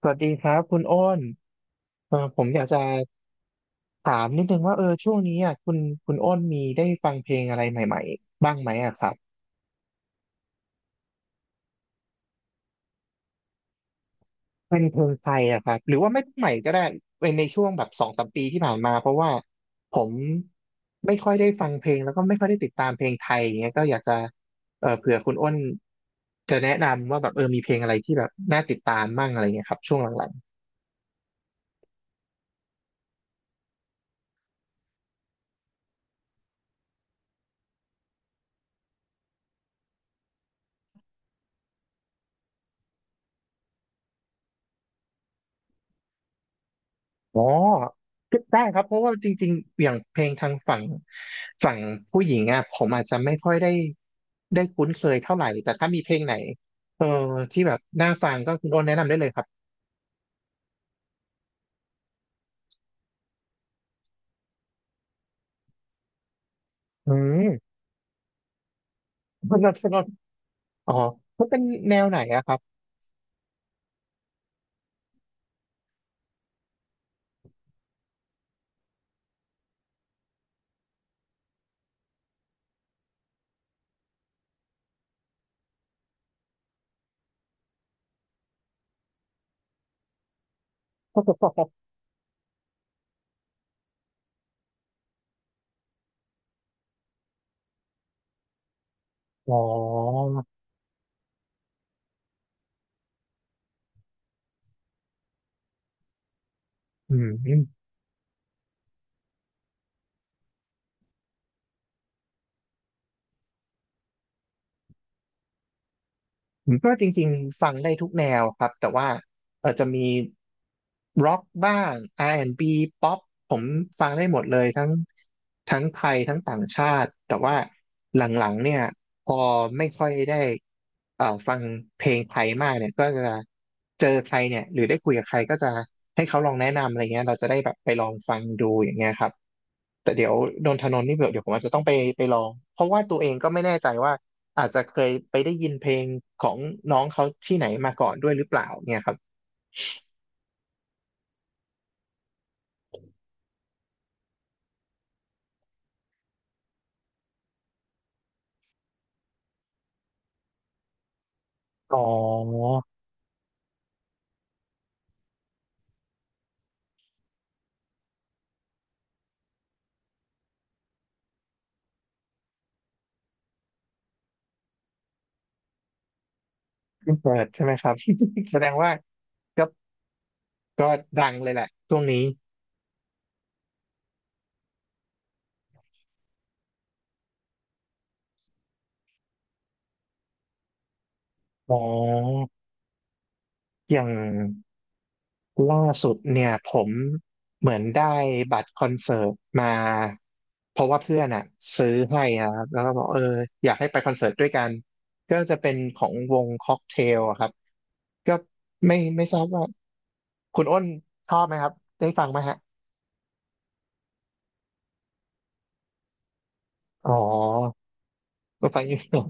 สวัสดีครับคุณอ้นเออผมอยากจะถามนิดนึงว่าเออช่วงนี้อ่ะคุณอ้นมีได้ฟังเพลงอะไรใหม่ๆบ้างไหมอ่ะครับเป็นเพลงไทยอ่ะครับหรือว่าไม่ใหม่ก็ได้ในช่วงแบบสองสามปีที่ผ่านมาเพราะว่าผมไม่ค่อยได้ฟังเพลงแล้วก็ไม่ค่อยได้ติดตามเพลงไทยอย่างเงี้ยก็อยากจะเออเผื่อคุณอ้นจะแนะนำว่าแบบเออมีเพลงอะไรที่แบบน่าติดตามมั่งอะไรเงี้ยครับช่วงหลังๆ อ๋อได้ครับ เพราะว่าจริงๆอย่างเพลงทางฝั่งผู้หญิงอ่ะผมอาจจะไม่ค่อยได้คุ้นเคยเท่าไหร่แต่ถ้ามีเพลงไหนเออที่แบบน่าฟังก็คุณโอนแนะนำได้เลยครับอืม คุณโอนคุณโอนอ๋อมันเป็นแนวไหนอะครับ อ๋ออืม ผมก็จริงๆฟังได้ทุกแนวครับแต่ว่าเออจะมีร็อกบ้าง R&B ป๊อปผมฟังได้หมดเลยทั้งไทยทั้งต่างชาติแต่ว่าหลังๆเนี่ยพอไม่ค่อยได้ฟังเพลงไทยมากเนี่ยก็จะเจอใครเนี่ยหรือได้คุยกับใครก็จะให้เขาลองแนะนำอะไรเงี้ยเราจะได้แบบไปลองฟังดูอย่างเงี้ยครับแต่เดี๋ยวนนทนนท์นี่เดี๋ยวผมอาจจะต้องไปลองเพราะว่าตัวเองก็ไม่แน่ใจว่า อาจจะเคยไปได้ยินเพลงของน้องเขาที่ไหนมาก่อนด้วยหรือเปล่าเนี่ยครับอ๋อเพิ่งเปิดใช่ไหมครับ แสดงว่าก็ก็ดังเลยแหละช่วงนี้อ๋ออย่างล่าสุดเนี่ยผมเหมือนได้บัตรคอนเสิร์ตมาเพราะว่าเพื่อนอ่ะซื้อให้นะครับแล้วก็บอกเอออยากให้ไปคอนเสิร์ตด้วยกันก็จะเป็นของวงค็อกเทลอะครับก็ไม่ทราบว่าคุณอ้นชอบไหมครับได้ฟังไหมฮะ อ๋อรถไฟยุโรป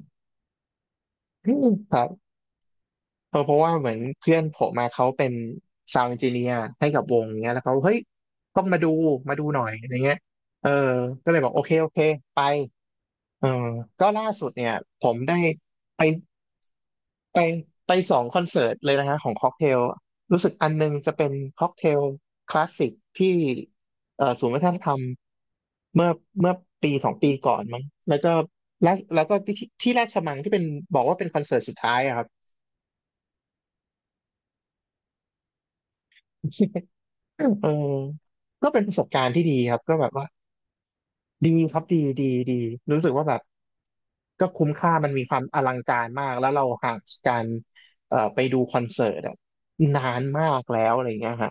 ครับเพราะว่าเหมือนเพื่อนผมมาเขาเป็นซาวด์เอนจิเนียร์ให้กับวงเนี้ยแล้วเขาเฮ้ยต้องมาดูหน่อยอะไรเงี้ยเออก็เลยบอกโอเคโอเคไปเออก็ล่าสุดเนี่ยผมได้ไป ไปไปสองคอนเสิร์ตเลยนะฮะของค็อกเทลรู้สึกอันนึงจะเป็นค็อกเทลคลาสสิกที่ศูนย์วัฒนธรรมเมื่อเมื่อปีสองปีก่อนมั้งแล้วก็และแล้วก็ที่ราชมังที่เป็นบอกว่าเป็นคอนเสิร์ตสุดท้ายอะครับ เออก็เป็นประสบการณ์ที่ดีครับก็แบบว่าดีครับดีดีดีรู้สึกว่าแบบก็คุ้มค่ามันมีความอลังการมากแล้วเราห่างจากการไปดูคอนเสิร์ตอะนานมากแล้วอะไรอย่างเงี้ยฮะ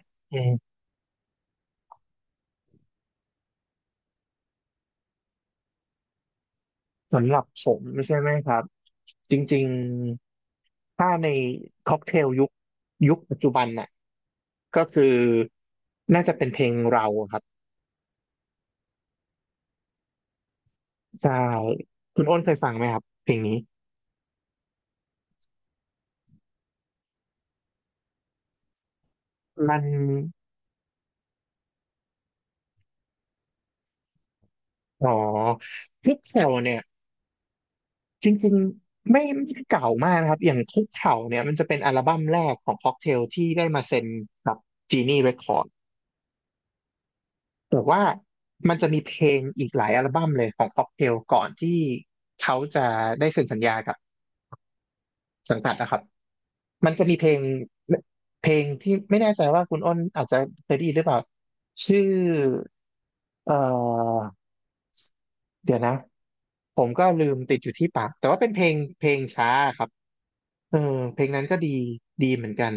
สำหรับผมใช่ไหมครับจริงๆถ้าในค็อกเทลยุคปัจจุบันน่ะก็คือน่าจะเป็นเพลงเราครับใช่คุณอ้นเคยฟังไหมครับเพลงนี้มันอ๋อคุกเข่าเนี่ยจริงๆไม่ได้เก่ามากนะครับอย่างคุกเข่าเนี่ยมันจะเป็นอัลบั้มแรกของค็อกเทลที่ได้มาเซ็นกับจีนี่เรคคอร์ แต่ว่ามันจะมีเพลงอีกหลายอัลบั้มเลยของค็อกเทลก่อนที่เขาจะได้เซ็นสัญญากับสังกัดนะครับมันจะมีเพลงที่ไม่แน่ใจว่าคุณอ้นอาจจะเคยได้ยินหรือเปล่าชื่อเอ่อเดี๋ยวนะผมก็ลืมติดอยู่ที่ปากแต่ว่าเป็นเพลงช้าครับเออเพลงนั้นก็ดีดีเหมือนกัน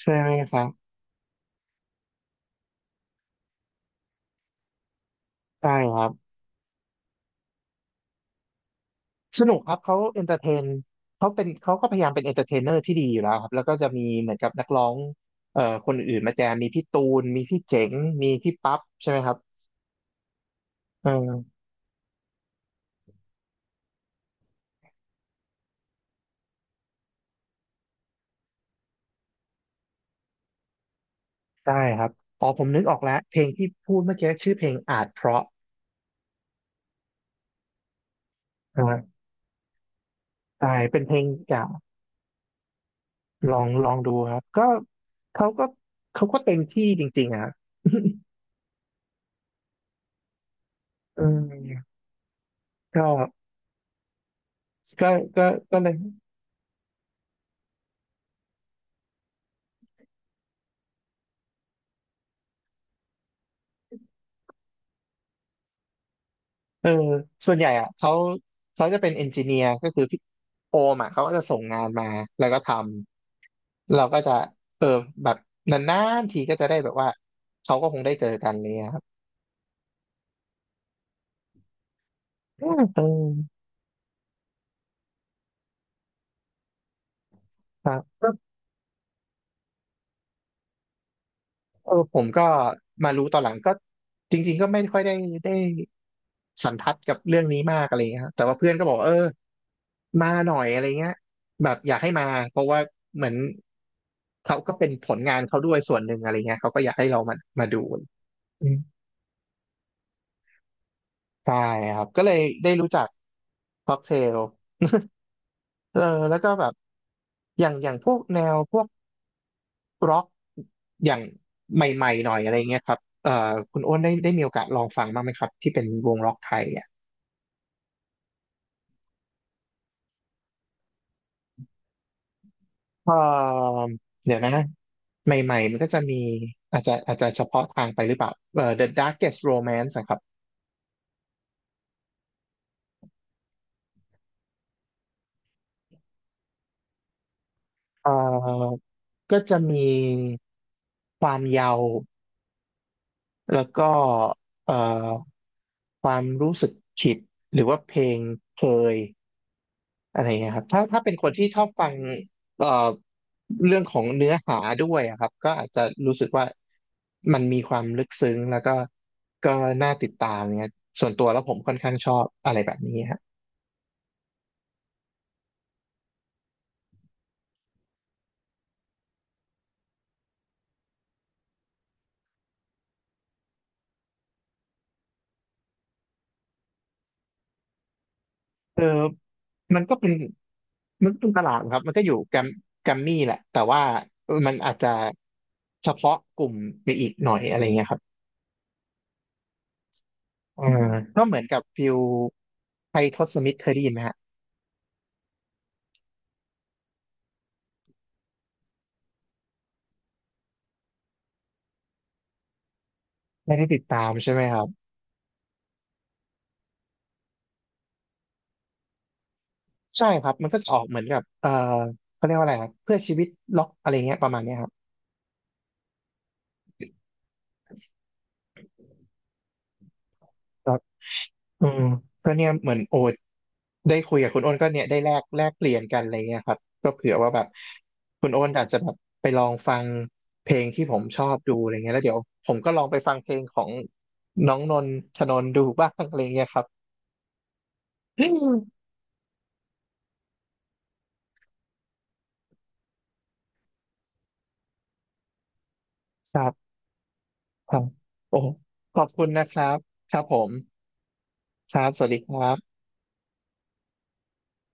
ใช่ไหมครับใช่ครับ สนุกครับเขาเอนเตอร์เทนเขาเป็นเขาก็พยายามเป็นเอนเตอร์เทนเนอร์ที่ดีอยู่แล้วครับแล้วก็จะมีเหมือนกับนักร้องคนอื่นมาแจมมีพี่ตูนมีพี่เจ๋งมีพี่ปั๊บใช่ไหมครับเออได้ครับอ๋อผมนึกออกแล้วเพลงที่พูดเมื่อกี้ชื่อเพลงอาจเพราะนะฮะใช่เป็นเพลงจากลองดูครับก็เขาก็เขาก็เต็มที่จริงๆอะครับ เออก็ก็ก็ก็เลย เออส่วนใหญ่อ่ะเขาจะเป็นเอนจิเนียร์ก็คือพี่โอมอ่ะเขาก็จะส่งงานมาแล้วก็ทำเราก็จะเออแบบนานๆทีก็จะได้แบบว่าเขาก็คงได้เจอกันอะไรเลยครับอืมเออครับ เออผมก็มารู้ตอนหลังก็จริงๆก็ไม่ค่อยได้ได้สันทัดกับเรื่องนี้มากอะไรเงี้ยครับแต่ว่าเพื่อนก็บอกว่าเออมาหน่อยอะไรเงี้ยแบบอยากให้มาเพราะว่าเหมือนเขาก็เป็นผลงานเขาด้วยส่วนหนึ่งอะไรเงี้ยเขาก็อยากให้เรามาดูอืมใช่ครับก็เลยได้รู้จักค็อกเทล เออแล้วก็แบบอย่างพวกแนวพวก ร็อกอย่างใหม่ๆหน่อยอะไรเงี้ยครับคุณอ้นได้มีโอกาสลองฟังบ้างไหมครับที่เป็นวงร็อกไทยอ่ะเอ่อเดี๋ยวนะใหม่ๆมันก็จะมีอาจจะเฉพาะทางไปหรือเปล่าThe Darkest Romance นะครับเอ่อก็จะมีความเยาว์แล้วก็เอ่อความรู้สึกผิดหรือว่าเพลงเคย อะไรเงี้ยครับถ้าเป็นคนที่ชอบฟังเอ่อเรื่องของเนื้อหาด้วยอะครับก็อาจจะรู้สึกว่ามันมีความลึกซึ้งแล้วก็น่าติดตามเงี้ยส่วนตัวแล้วผมค่อนข้างชอบอะไรแบบนี้ฮะเออมันก็เป็นมันก็เป็นตลาดครับมันก็อยู่แกรมแกรมมี่แหละแต่ว่ามันอาจจะเฉพาะกลุ่มไปอีกหน่อยอะไรเงี้ยครับอ่าก็เหมือนกับฟิลไทยทศมิตรเคยได้ยินไหมฮะไม่ได้ติดตามใช่ไหมครับ ใช่ครับมันก็จะออกเหมือนกับเขาเรียกว่าอะไรครับเพื่อชีวิตล็อกอะไรเงี้ยประมาณเนี้ยครับแล้วอืมก็เนี่ยเหมือนโอ๊ตได้คุยกับคุณโอ้นก็เนี่ยได้แลกเปลี่ยนกันอะไรเงี้ยครับก็เผื่อว่าแบบคุณโอ้นอาจจะแบบไปลองฟังเพลงที่ผมชอบดูอะไรเงี้ยแล้วเดี๋ยวผมก็ลองไปฟังเพลงของน้องนนทธนนท์ดูบ้างอะไรเงี้ยครับครับครับโอ้ขอบคุณนะครับครับผมครับสวัสดีครับ